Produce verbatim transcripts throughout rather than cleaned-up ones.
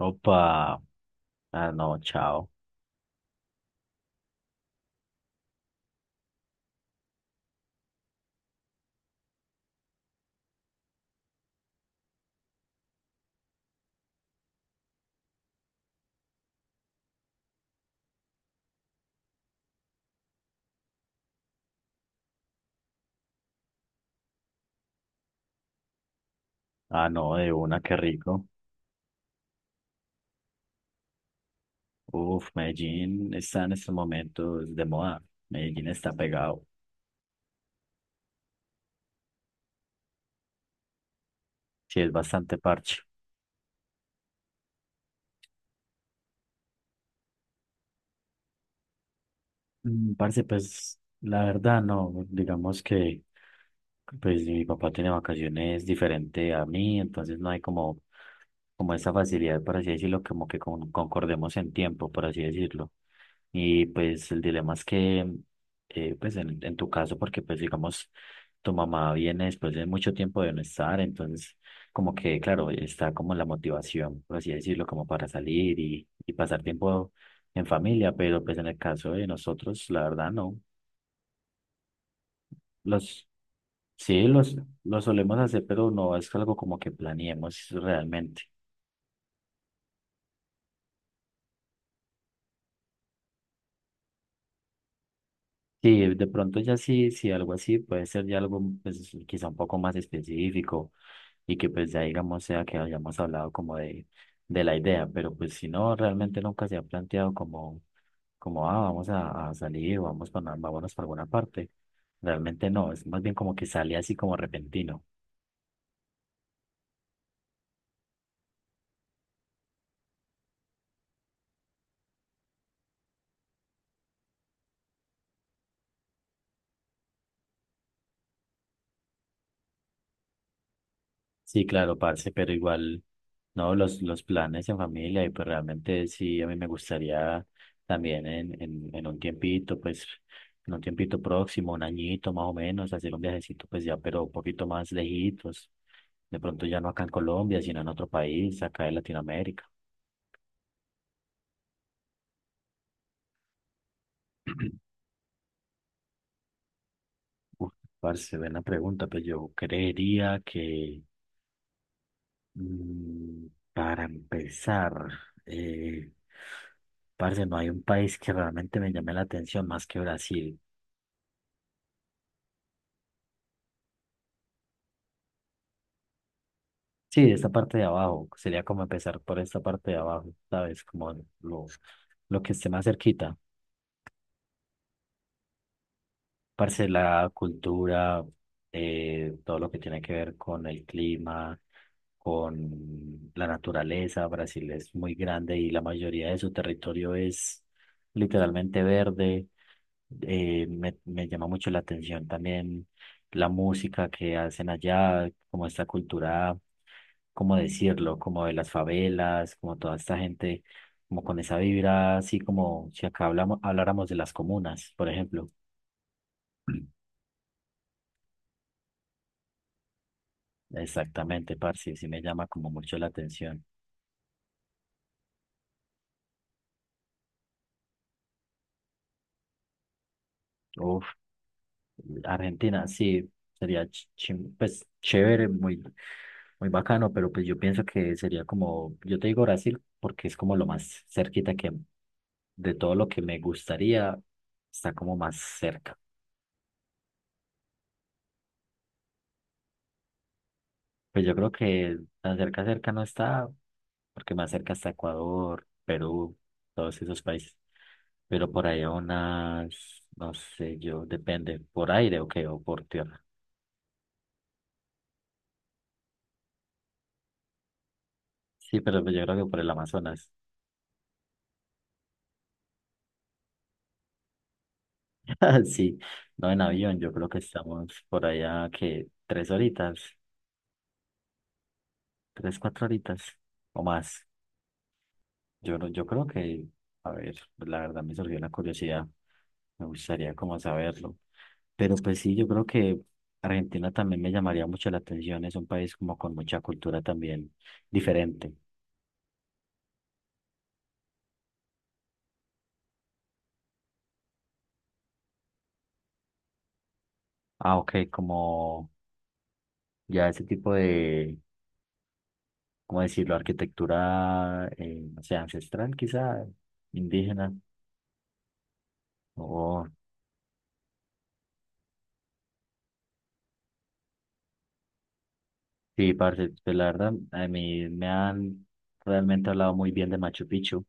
Opa, ah no, chao. Ah no, de una, qué rico. Uf, Medellín está en estos momentos de moda. Medellín está pegado. Sí, es bastante parche. Mm, Parce, pues la verdad no, digamos que pues mi papá tiene vacaciones diferente a mí, entonces no hay como, como, esa facilidad, por así decirlo, como que con- concordemos en tiempo, por así decirlo. Y pues el dilema es que, eh, pues en, en tu caso, porque pues digamos, tu mamá viene después de mucho tiempo de no estar, entonces como que, claro, está como la motivación, por así decirlo, como para salir y, y pasar tiempo en familia, pero pues en el caso de nosotros, la verdad no. Los, sí, los, los solemos hacer, pero no es algo como que planeemos realmente. Sí, de pronto ya sí, sí, algo así puede ser ya algo pues, quizá un poco más específico y que pues ya digamos sea que hayamos hablado como de, de la idea, pero pues si no, realmente nunca se ha planteado como, como, ah, vamos a, a salir, vamos para, vámonos para alguna parte. Realmente no, es más bien como que sale así como repentino. Sí, claro, parce, pero igual, no, los, los planes en familia y pues realmente sí, a mí me gustaría también en, en, en un tiempito, pues en un tiempito próximo, un añito más o menos, hacer un viajecito pues ya, pero un poquito más lejitos. De pronto ya no acá en Colombia, sino en otro país, acá en Latinoamérica. Uf, parce, buena pregunta. Pues yo creería que mm, para empezar, eh, parce, no hay un país que realmente me llame la atención más que Brasil. Sí, esta parte de abajo, sería como empezar por esta parte de abajo, ¿sabes? Como lo, lo que esté más cerquita. Parce, la cultura, eh, todo lo que tiene que ver con el clima, con la naturaleza. Brasil es muy grande y la mayoría de su territorio es literalmente verde. Eh, me, me llama mucho la atención también la música que hacen allá, como esta cultura, cómo decirlo, como de las favelas, como toda esta gente, como con esa vibra, así como si acá hablamos, habláramos de las comunas, por ejemplo. Exactamente, parce, sí me llama como mucho la atención. Uf, Argentina, sí, sería ch- chim- pues chévere, muy, muy bacano, pero pues yo pienso que sería como, yo te digo Brasil porque es como lo más cerquita que de todo lo que me gustaría, está como más cerca. Pues yo creo que tan cerca, cerca no está, porque más cerca está Ecuador, Perú, todos esos países, pero por ahí a unas, no sé, yo, depende, por aire o qué, o por tierra. Sí, pero pues yo creo que por el Amazonas. Sí, no en avión, yo creo que estamos por allá que tres horitas, tres, cuatro horitas o más. Yo, no- yo creo que, a ver, pues la verdad me surgió la curiosidad, me gustaría como saberlo. Pero pues sí, yo creo que Argentina también me llamaría mucho la atención, es un país como con mucha cultura también diferente. Ah, ok, como ya ese tipo de, ¿cómo decirlo? Arquitectura, eh, no sé, ancestral quizá, indígena. Oh, sí, parce, pues la verdad, a mí me han realmente hablado muy bien de Machu Picchu,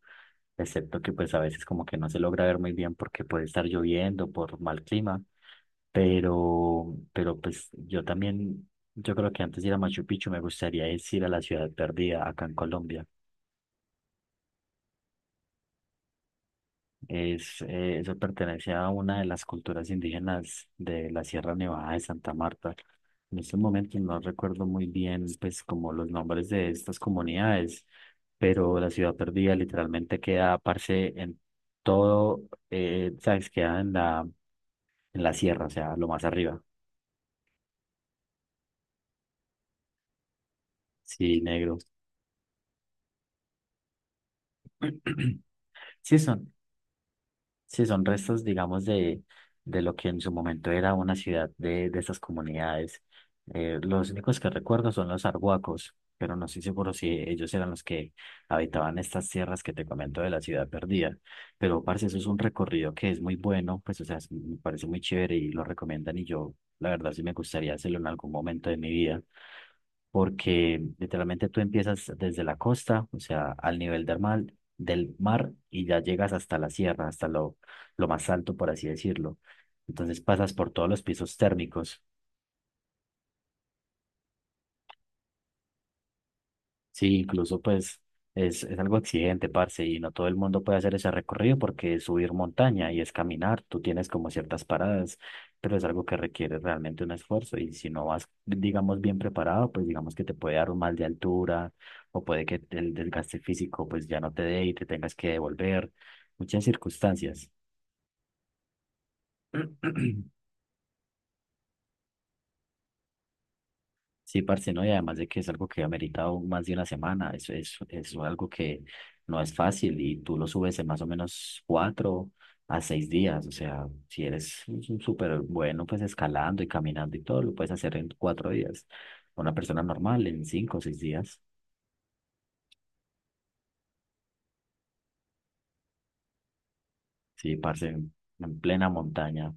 excepto que pues a veces como que no se logra ver muy bien porque puede estar lloviendo por mal clima, pero, pero pues yo también, yo creo que antes de ir a Machu Picchu me gustaría es ir a la Ciudad Perdida acá en Colombia. Es, eh, eso pertenece a una de las culturas indígenas de la Sierra Nevada de Santa Marta. En estos momentos no recuerdo muy bien, pues, como los nombres de estas comunidades, pero la ciudad perdida literalmente queda, parce, en todo, eh, ¿sabes? Queda en la, en la sierra, o sea, lo más arriba. Sí, negro. Sí, son, Sí, son restos, digamos, de, de lo que en su momento era una ciudad de, de esas comunidades. Eh, los únicos que recuerdo son los arhuacos, pero no estoy seguro si ellos eran los que habitaban estas tierras que te comento de la ciudad perdida. Pero, parce, eso es un recorrido que es muy bueno, pues, o sea, es- me parece muy chévere y lo recomiendan y yo, la verdad, sí me gustaría hacerlo en algún momento de mi vida porque literalmente tú empiezas desde la costa, o sea, al nivel del mar, del mar y ya llegas hasta la sierra, hasta lo, lo más alto, por así decirlo. Entonces pasas por todos los pisos térmicos. Sí, incluso pues es, es algo exigente, parce, y no todo el mundo puede hacer ese recorrido porque es subir montaña y es caminar, tú tienes como ciertas paradas, pero es algo que requiere realmente un esfuerzo y si no vas, digamos, bien preparado, pues digamos que te puede dar un mal de altura o puede que el desgaste físico pues ya no te dé y te tengas que devolver, muchas circunstancias. Sí, parce, ¿no? Y además de que es algo que ha meritado más de una semana, eso es, es algo que no es fácil y tú lo subes en más o menos cuatro a seis días, o sea, si eres un un súper bueno, pues escalando y caminando y todo, lo puedes hacer en cuatro días. Una persona normal en cinco o seis días, sí, parce, en, en plena montaña.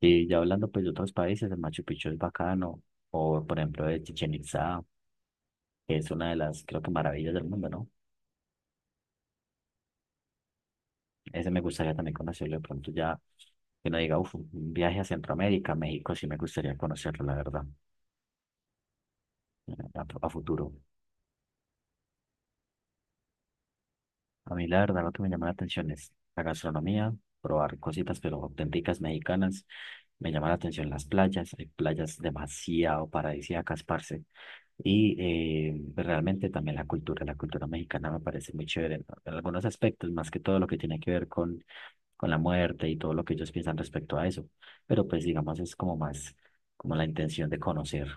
Sí, ya hablando pues de otros países, el Machu Picchu es bacano, o por ejemplo de Chichen Itzá, que es una de las, creo que maravillas del mundo, ¿no? Ese me gustaría también conocerlo de pronto ya, que no diga, uff, un viaje a Centroamérica, México, sí me gustaría conocerlo, la verdad, a, a futuro. A mí la verdad lo que me llama la atención es la gastronomía, probar cositas pero auténticas mexicanas. Me llama la atención las playas, hay playas demasiado paradisíacas, parce. Y eh, pues, realmente también la cultura, la cultura mexicana me parece muy chévere en, en, algunos aspectos, más que todo lo que tiene que ver con, con la muerte y todo lo que ellos piensan respecto a eso. Pero pues digamos es como más como la intención de conocer.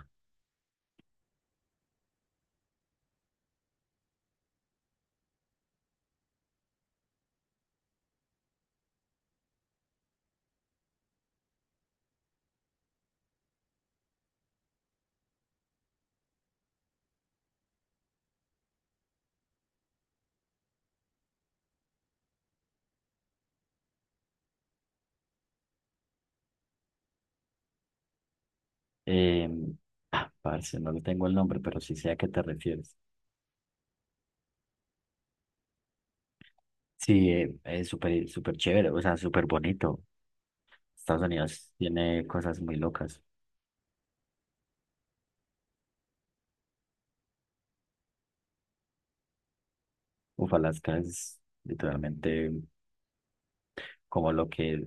Eh, ah, parce, no le tengo el nombre, pero sí sé a qué te refieres. Sí, eh, es súper súper chévere, o sea, súper bonito. Estados Unidos tiene cosas muy locas. Uf, Alaska es literalmente como lo que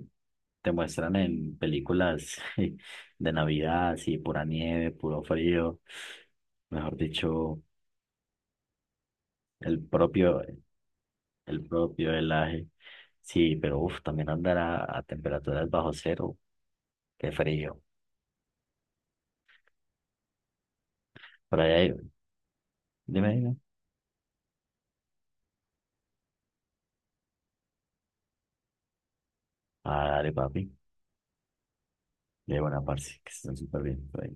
te muestran en películas de Navidad, así pura nieve, puro frío, mejor dicho, el propio, el propio, helaje. Sí, pero uff, también andar a, a temperaturas bajo cero, qué frío. Por ahí, hay- dime, dime. Ah, dale, papi. De buena parte, que estén súper bien. Por